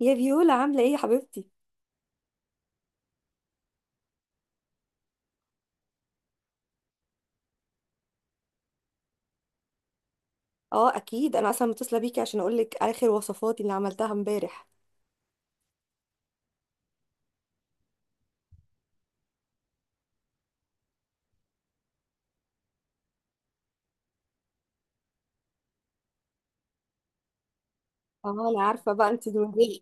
يا فيولا عاملة ايه يا حبيبتي؟ اه، اكيد انا اصلا متصلة بيكي عشان اقولك اخر وصفاتي اللي عملتها امبارح. اه، انا عارفة بقى انت اليومين دول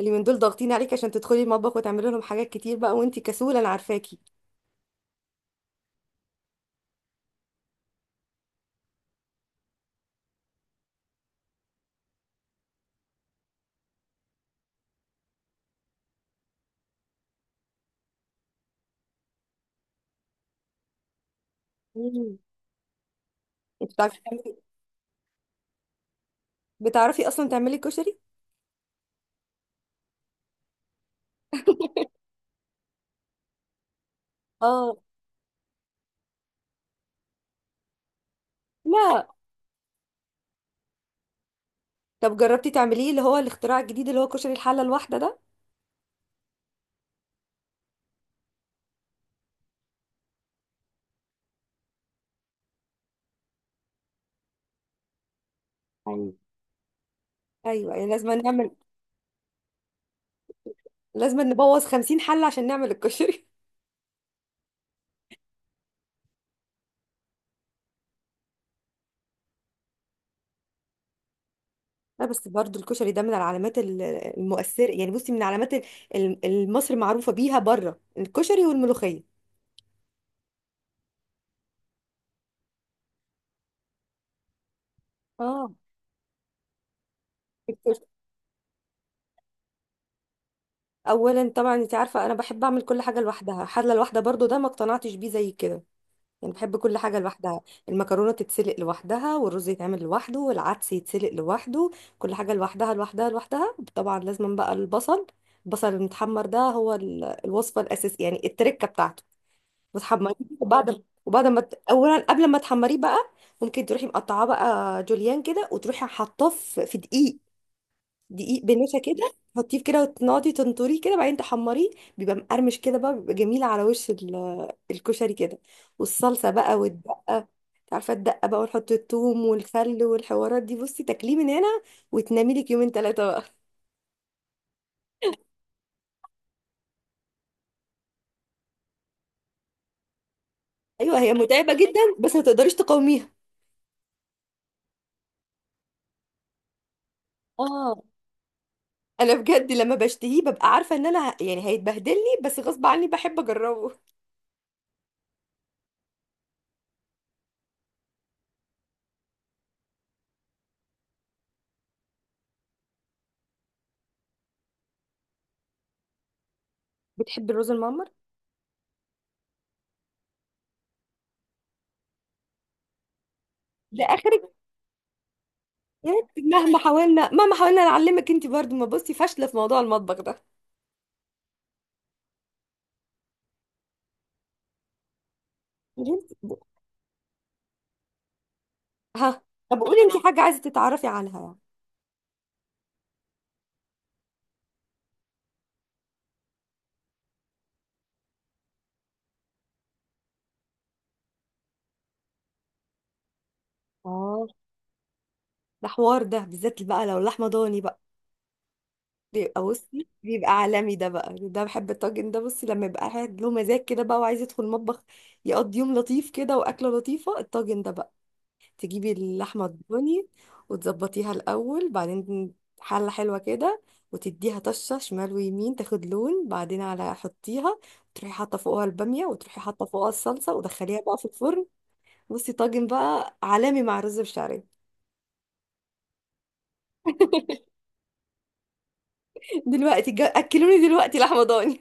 اليومين دول ضاغطين عليك عشان تدخلي المطبخ وتعملي لهم حاجات كتير بقى وانت كسولة انا عارفاكي. مم. انت بتعرفي تعملي بتعرفي اصلا تعملي كشري؟ اه. لا. طب جربتي تعمليه اللي هو الاختراع الجديد اللي هو كشري الحلة الواحدة ده؟ أيوة. ايوه يعني لازم نبوظ 50 حلة عشان نعمل الكشري. لا بس برضو الكشري ده من العلامات المؤثرة، يعني بصي من علامات مصر معروفة بيها بره، الكشري والملوخية. اه، الكشري. اولا طبعا انت عارفه انا بحب اعمل كل حاجه لوحدها، حله لوحدها، برضو ده ما اقتنعتش بيه زي كده، يعني بحب كل حاجه لوحدها. المكرونه تتسلق لوحدها والرز يتعمل لوحده والعدس يتسلق لوحده، كل حاجه لوحدها لوحدها لوحدها. طبعا لازم بقى البصل، البصل المتحمر ده هو الوصفه الاساسيه يعني، التركه بتاعته، وتحمريه. وبعد وبعد ما ت- اولا قبل ما تحمريه بقى، ممكن تروحي مقطعاه بقى جوليان كده وتروحي حاطاه في دقيق، دقيق بنشا كده تحطيه كده وتنقعدي تنطريه كده، بعدين تحمريه. بيبقى مقرمش كده بقى، بيبقى جميل على وش الكشري كده. والصلصه بقى والدقه، انت عارفه الدقه بقى، ونحط الثوم والخل والحوارات دي. بصي تاكليه من هنا وتنامي لك يومين ثلاثه بقى. ايوه هي متعبه جدا بس ما تقدريش تقاوميها. اه، انا بجد لما بشتهيه ببقى عارفه ان انا يعني هيتبهدلني، بس غصب عني بحب اجربه. بتحب الرز المعمر؟ ده اخرك يا بنتي، مهما حاولنا مهما حاولنا نعلمك انت برضو ما بصي، فاشله في موضوع المطبخ ده. قولي انت. ها. طب قولي انت حاجه عايزه تتعرفي عنها يعني. اه، ده حوار ده بالذات بقى، لو لحمه ضاني بقى بيبقى بصي بيبقى عالمي ده بقى. ده بحب الطاجن ده، بصي لما يبقى قاعد له مزاج كده بقى وعايز يدخل المطبخ، يقضي يوم لطيف كده واكله لطيفه الطاجن ده بقى. تجيبي اللحمة الضاني وتظبطيها الأول، بعدين حلة حلوة كده، وتديها طشة شمال ويمين تاخد لون، بعدين على حطيها، تروحي حاطة فوقها البامية وتروحي حاطة فوقها الصلصة ودخليها بقى في الفرن. بصي طاجن بقى عالمي مع رز بشعرية. دلوقتي أكلوني دلوقتي لحمة ضاني.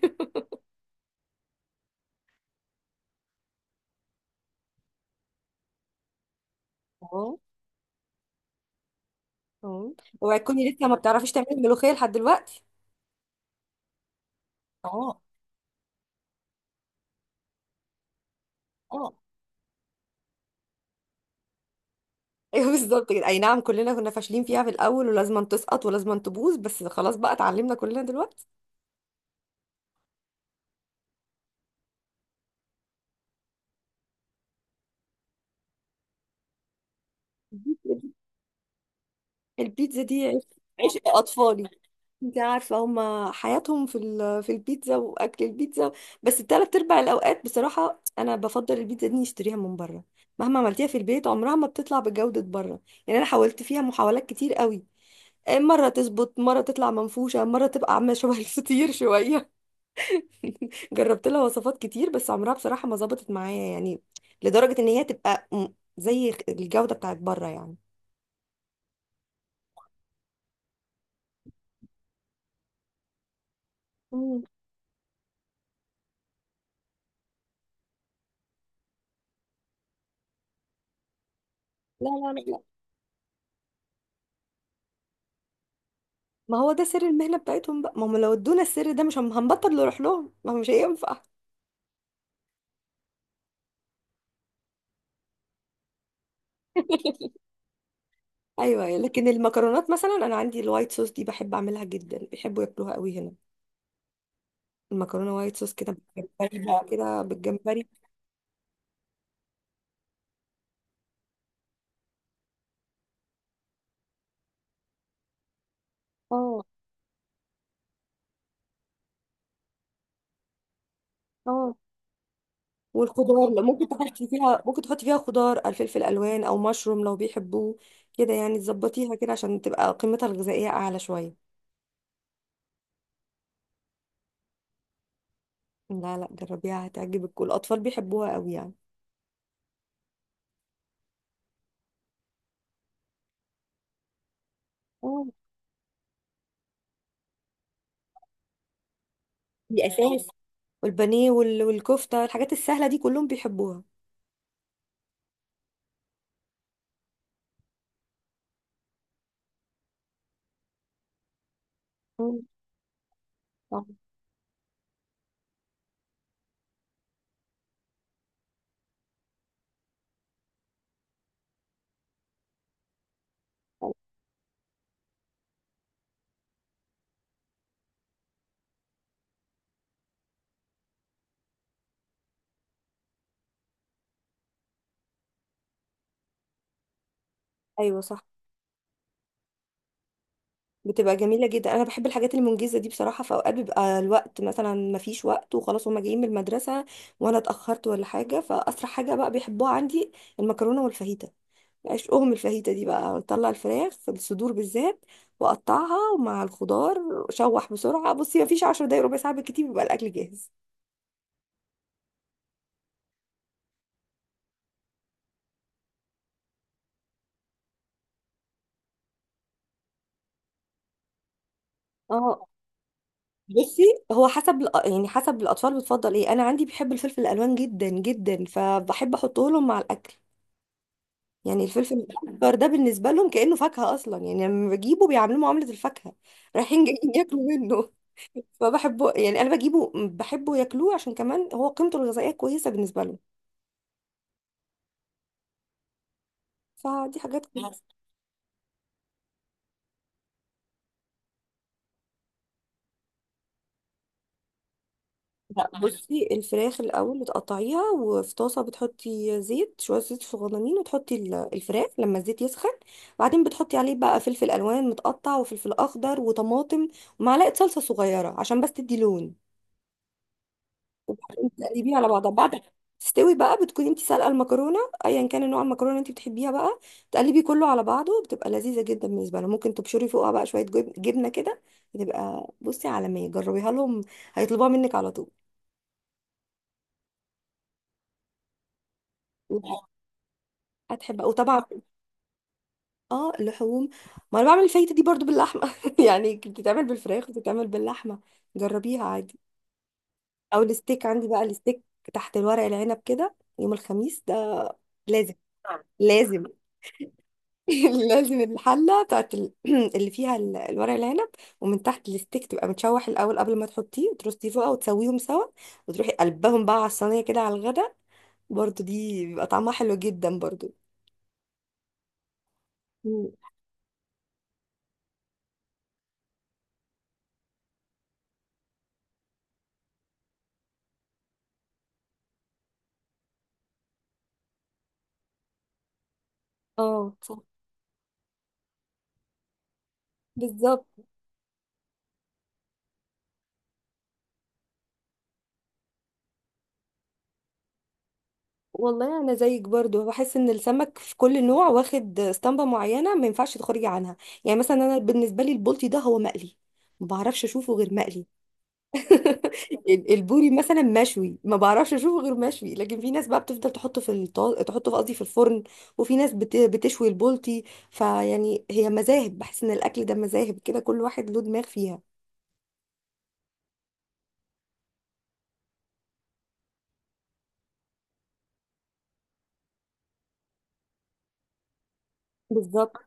اه. اه. اوعي تكوني لسه ما بتعرفيش تعملي الملوخية لحد دلوقتي. اه. اه. ايوه بالظبط كده، اي نعم كلنا كنا فاشلين فيها في الاول، ولازم تسقط ولازم تبوظ، بس خلاص بقى اتعلمنا كلنا دلوقتي. البيتزا دي عشق اطفالي. انت عارفه هما حياتهم في في البيتزا واكل البيتزا. بس التلات ارباع الاوقات بصراحه انا بفضل البيتزا دي نشتريها من بره، مهما عملتيها في البيت عمرها ما بتطلع بجوده بره. يعني انا حاولت فيها محاولات كتير قوي، مره تظبط مره تطلع منفوشه مره تبقى عامله شبه الفطير شويه. جربت لها وصفات كتير بس عمرها بصراحه ما ظبطت معايا، يعني لدرجه ان هي تبقى م- زي الجوده بتاعت بره يعني. مم. لا لا لا، ما هو ده سر المهنة بتاعتهم بقى، ما هم لو ادونا السر ده مش هنبطل نروح لهم، ما هو مش هينفع. ايوه لكن المكرونات مثلا، انا عندي الوايت صوص دي بحب اعملها جدا، بيحبوا ياكلوها قوي هنا. المكرونه وايت صوص كده بالجمبري بقى، كده بالجمبري. اه. اه. والخضار لو ممكن تحطي فيها، ممكن تحطي فيها خضار الفلفل الوان او مشروم لو بيحبوه، كده يعني تظبطيها كده عشان تبقى قيمتها الغذائيه اعلى شويه. لا لا جربيها هتعجبك، والاطفال بيحبوها قوي يعني. اه، دي اساس، والبانيه والكفتة، الحاجات السهلة دي كلهم بيحبوها. مم. صح. ايوه صح. بتبقى جميلة جدا، انا بحب الحاجات المنجزة دي بصراحة، في اوقات بيبقى الوقت مثلا مفيش وقت، وخلاص هما جايين من المدرسة وانا اتأخرت ولا حاجة، فاسرع حاجة بقى بيحبوها عندي، المكرونة والفاهيتا. عشقهم الفاهيتا دي بقى. اطلع الفراخ الصدور بالذات واقطعها مع الخضار، شوح بسرعة، بصي مفيش 10 دقايق ربع ساعة بالكتير بيبقى الاكل جاهز. اه. بصي هو يعني حسب الاطفال بتفضل ايه. انا عندي بيحب الفلفل الالوان جدا جدا، فبحب احطه لهم مع الاكل. يعني الفلفل الاخضر ده بالنسبه لهم كانه فاكهه اصلا، يعني لما بجيبه بيعاملوه معامله الفاكهه، رايحين جايين ياكلوا منه. فبحبه، يعني انا بجيبه بحبه ياكلوه عشان كمان هو قيمته الغذائيه كويسه بالنسبه لهم. فدي حاجات. لا بصي، الفراخ الاول بتقطعيها، وفي طاسه بتحطي زيت، شويه زيت صغننين، وتحطي الفراخ لما الزيت يسخن، وبعدين بتحطي عليه بقى فلفل الوان متقطع وفلفل اخضر وطماطم ومعلقه صلصه صغيره عشان بس تدي لون. وبعدين تقلبيها على بعضها بعد ما تستوي بقى، بتكوني انت سالقه المكرونه، ايا كان نوع المكرونه اللي انت بتحبيها بقى، تقلبي كله على بعضه، بتبقى لذيذه جدا بالنسبه لها. ممكن تبشري فوقها بقى شويه جبنه كده، بتبقى بصي عالميه. جربيها لهم هيطلبوها منك على طول، هتحبها. وطبعا اه، اللحوم، ما انا بعمل الفايته دي برضو باللحمه يعني، بتتعمل بالفراخ وبتتعمل باللحمه، جربيها عادي. او الستيك، عندي بقى الستيك تحت الورق العنب كده، يوم الخميس ده لازم. لازم. لازم الحله بتاعت ال- اللي فيها ال- الورق العنب، ومن تحت الستيك تبقى متشوح الاول قبل ما تحطيه وترصيه فوق وتسويهم سوا، وتروحي قلبهم بقى على الصينيه كده على الغدا، برضو دي بيبقى طعمها حلو جدا برضو. مم. اه صح. بالظبط. والله يعني انا زيك برضو، بحس ان السمك في كل نوع واخد اسطمبه معينه ما ينفعش تخرجي عنها. يعني مثلا انا بالنسبه لي البلطي ده هو مقلي، ما بعرفش اشوفه غير مقلي. البوري مثلا مشوي، ما بعرفش اشوفه غير مشوي، لكن في ناس بقى بتفضل تحطه في تحطه في، قصدي في الفرن، وفي ناس بتشوي البلطي. فيعني هي مذاهب، بحس ان الاكل ده مذاهب كده، كل واحد له دماغ فيها. بالظبط.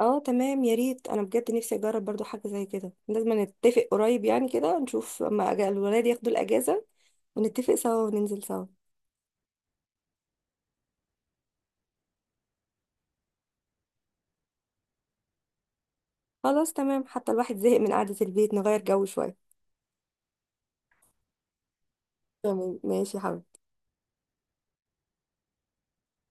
اه تمام، يا ريت انا بجد نفسي اجرب برضو حاجه زي كده، لازم نتفق قريب يعني، كده نشوف اما الولاد ياخدوا الاجازه ونتفق سوا وننزل سوا. خلاص تمام، حتى الواحد زهق من قعده البيت، نغير جو شويه. تمام ماشي يا حبيبي.